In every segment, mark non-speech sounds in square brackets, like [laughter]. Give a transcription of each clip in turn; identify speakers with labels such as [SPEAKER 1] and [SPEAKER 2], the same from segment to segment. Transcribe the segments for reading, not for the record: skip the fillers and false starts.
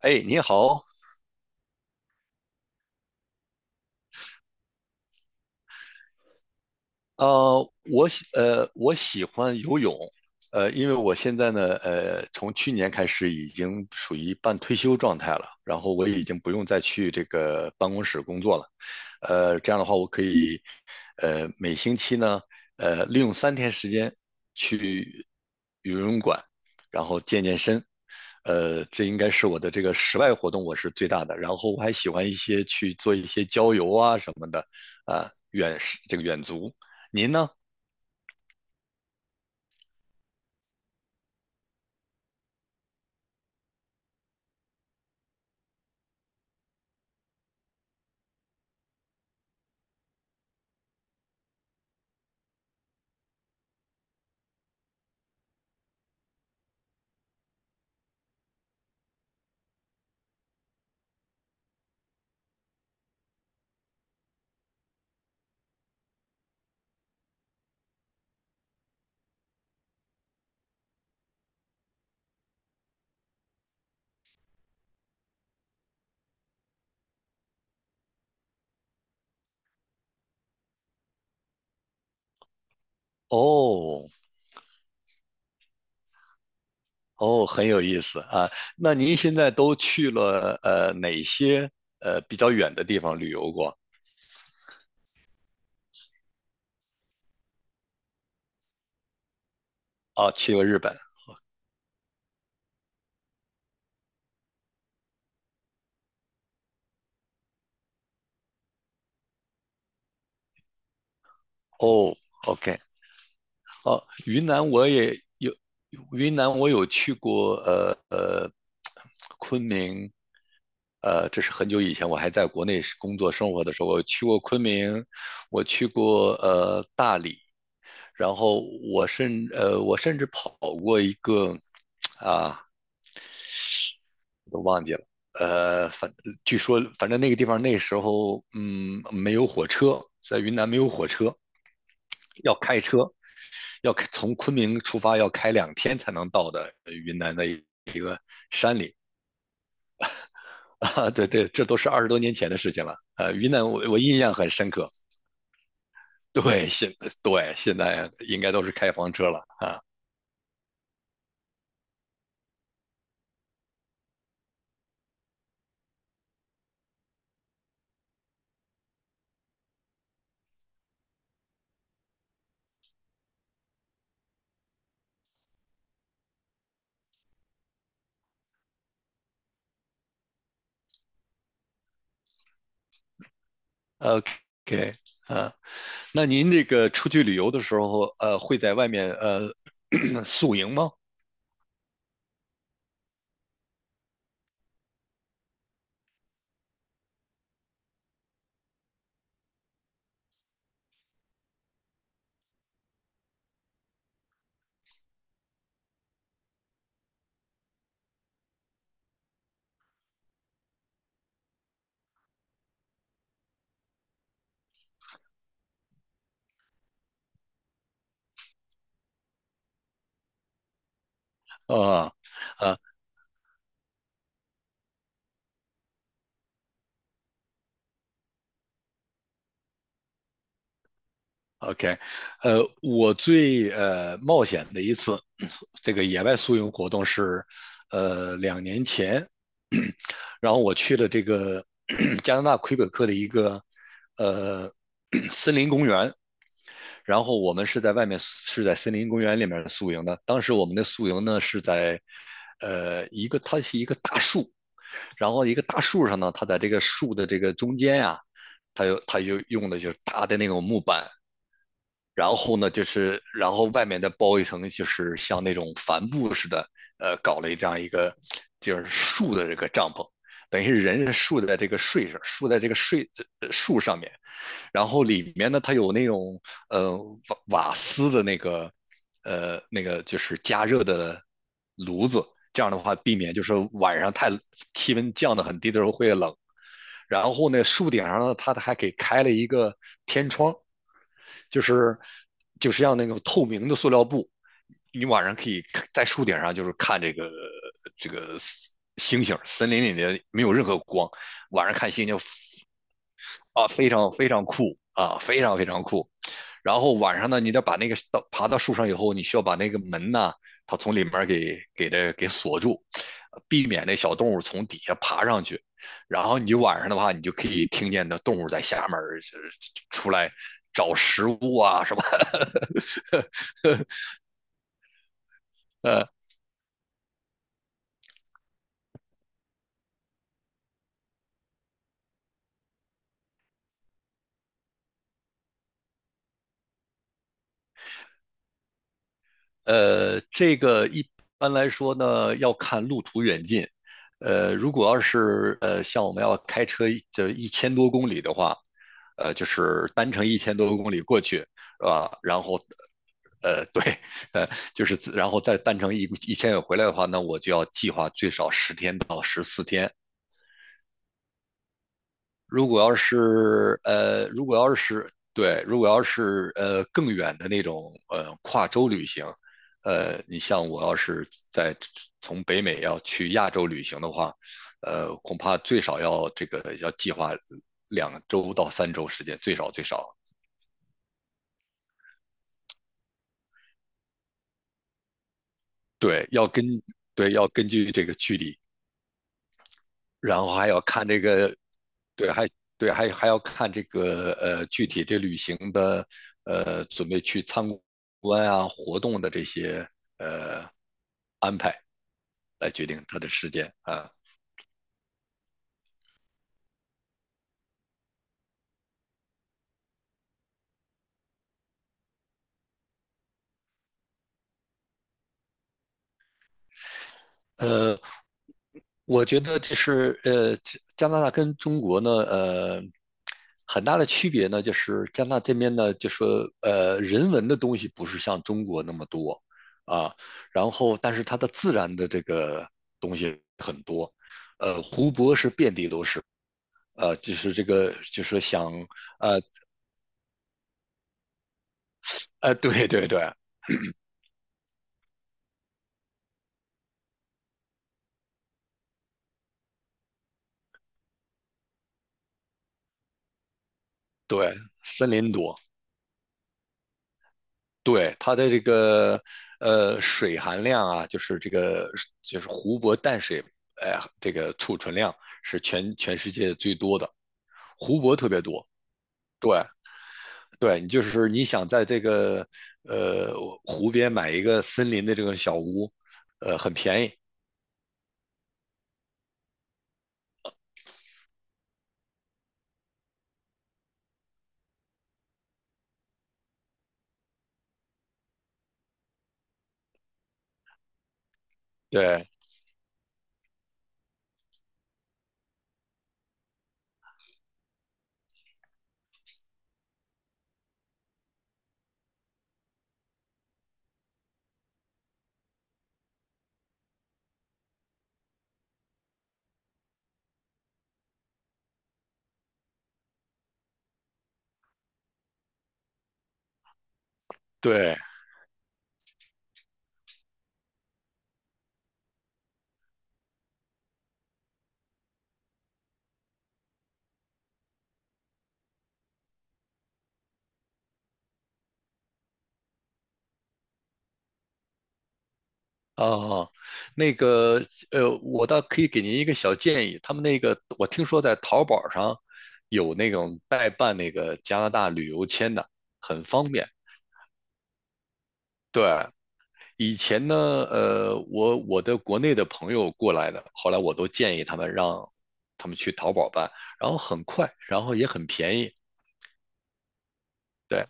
[SPEAKER 1] 哎，你好。我喜欢游泳。因为我现在呢，从去年开始已经属于半退休状态了，然后我已经不用再去这个办公室工作了。这样的话我可以，每星期呢，利用3天时间去游泳馆，然后健身。这应该是我的这个室外活动我是最大的。然后我还喜欢一些去做一些郊游啊什么的，啊、远这个远足。您呢？哦哦，很有意思啊。那您现在都去了哪些比较远的地方旅游过？啊，去过日本。哦，OK。哦，云南我也有，云南我有去过。昆明，这是很久以前，我还在国内是工作生活的时候，我去过昆明，我去过大理，然后我甚至跑过一个，啊，我都忘记了。反据说反正那个地方那时候没有火车，在云南没有火车，要开车，要从昆明出发要开2天才能到的云南的一个山里。 [laughs] 啊，对对，这都是20多年前的事情了。云南我印象很深刻。对，现在应该都是开房车了啊。OK。啊，那您这个出去旅游的时候，会在外面[clears throat] [coughs] 宿营吗？啊啊，OK。我最冒险的一次这个野外宿营活动是，2年前，[clears throat] 然后我去了这个 [clears throat] 加拿大魁北克的一个呃 [clears throat] 森林公园。然后我们是在外面，是在森林公园里面宿营的。当时我们的宿营呢是在一个，它是一个大树。然后一个大树上呢，它在这个树的这个中间呀、它就用的就是大的那种木板，然后呢，就是然后外面再包一层，就是像那种帆布似的。搞了这样一个就是树的这个帐篷，等于是人是竖在这个树上面。然后里面呢，它有那种呃瓦斯的那个，就是加热的炉子，这样的话避免就是晚上气温降得很低的时候会冷。然后呢，树顶上呢，它还给开了一个天窗，就是就是像那种透明的塑料布，你晚上可以在树顶上就是看这个这个星星，森林里面没有任何光。晚上看星星啊，非常非常酷啊，非常非常酷。然后晚上呢，你得把那个爬到树上以后，你需要把那个门呢，它从里面给它锁住，避免那小动物从底下爬上去。然后你晚上的话，你就可以听见那动物在下面，就是出来找食物啊什么。[laughs] 呃这个一般来说呢，要看路途远近。如果要是像我们要开车就一千多公里的话，就是单程一千多公里过去，是吧？然后，对。呃，就是然后再单程一千回来的话，那我就要计划最少10天到14天。如果要是更远的那种跨州旅行，你像我要是在从北美要去亚洲旅行的话，恐怕最少要计划2周到3周时间，最少最少。对，对要根据这个距离，然后还要看这个，对还对，还要看这个具体这旅行的准备去参观啊活动的这些安排来决定它的时间啊。呃。我觉得就是加拿大跟中国呢，很大的区别呢，就是加拿大这边呢，就说人文的东西不是像中国那么多啊，然后但是它的自然的这个东西很多。湖泊是遍地都是，就是这个就是想呃对对对对，森林多。对，它的这个水含量啊，就是这个就是湖泊淡水，哎、这个储存量是全世界最多的，湖泊特别多。对。对，你就是你想在这个呃湖边买一个森林的这种小屋，很便宜。对对哦，那个，我倒可以给您一个小建议。他们那个，我听说在淘宝上有那种代办那个加拿大旅游签的，很方便。对，以前呢，我的国内的朋友过来的，后来我都建议让他们去淘宝办，然后很快，然后也很便宜。对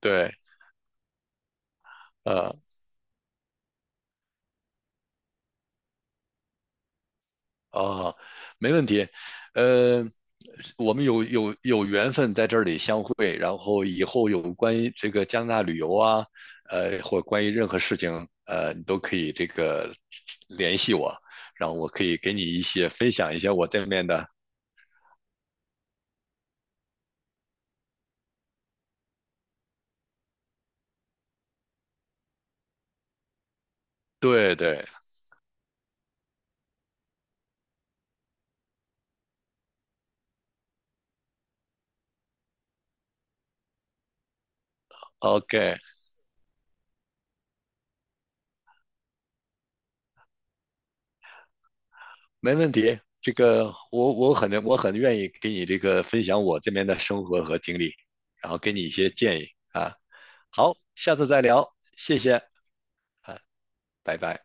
[SPEAKER 1] 对，呃。啊，没问题。呃，我们有缘分在这里相会，然后以后有关于这个加拿大旅游啊，或关于任何事情，你都可以这个联系我，然后我可以给你一些分享一些我这面的。对对，OK，没问题。这个我很愿意给你这个分享我这边的生活和经历，然后给你一些建议啊。好，下次再聊，谢谢啊，拜拜。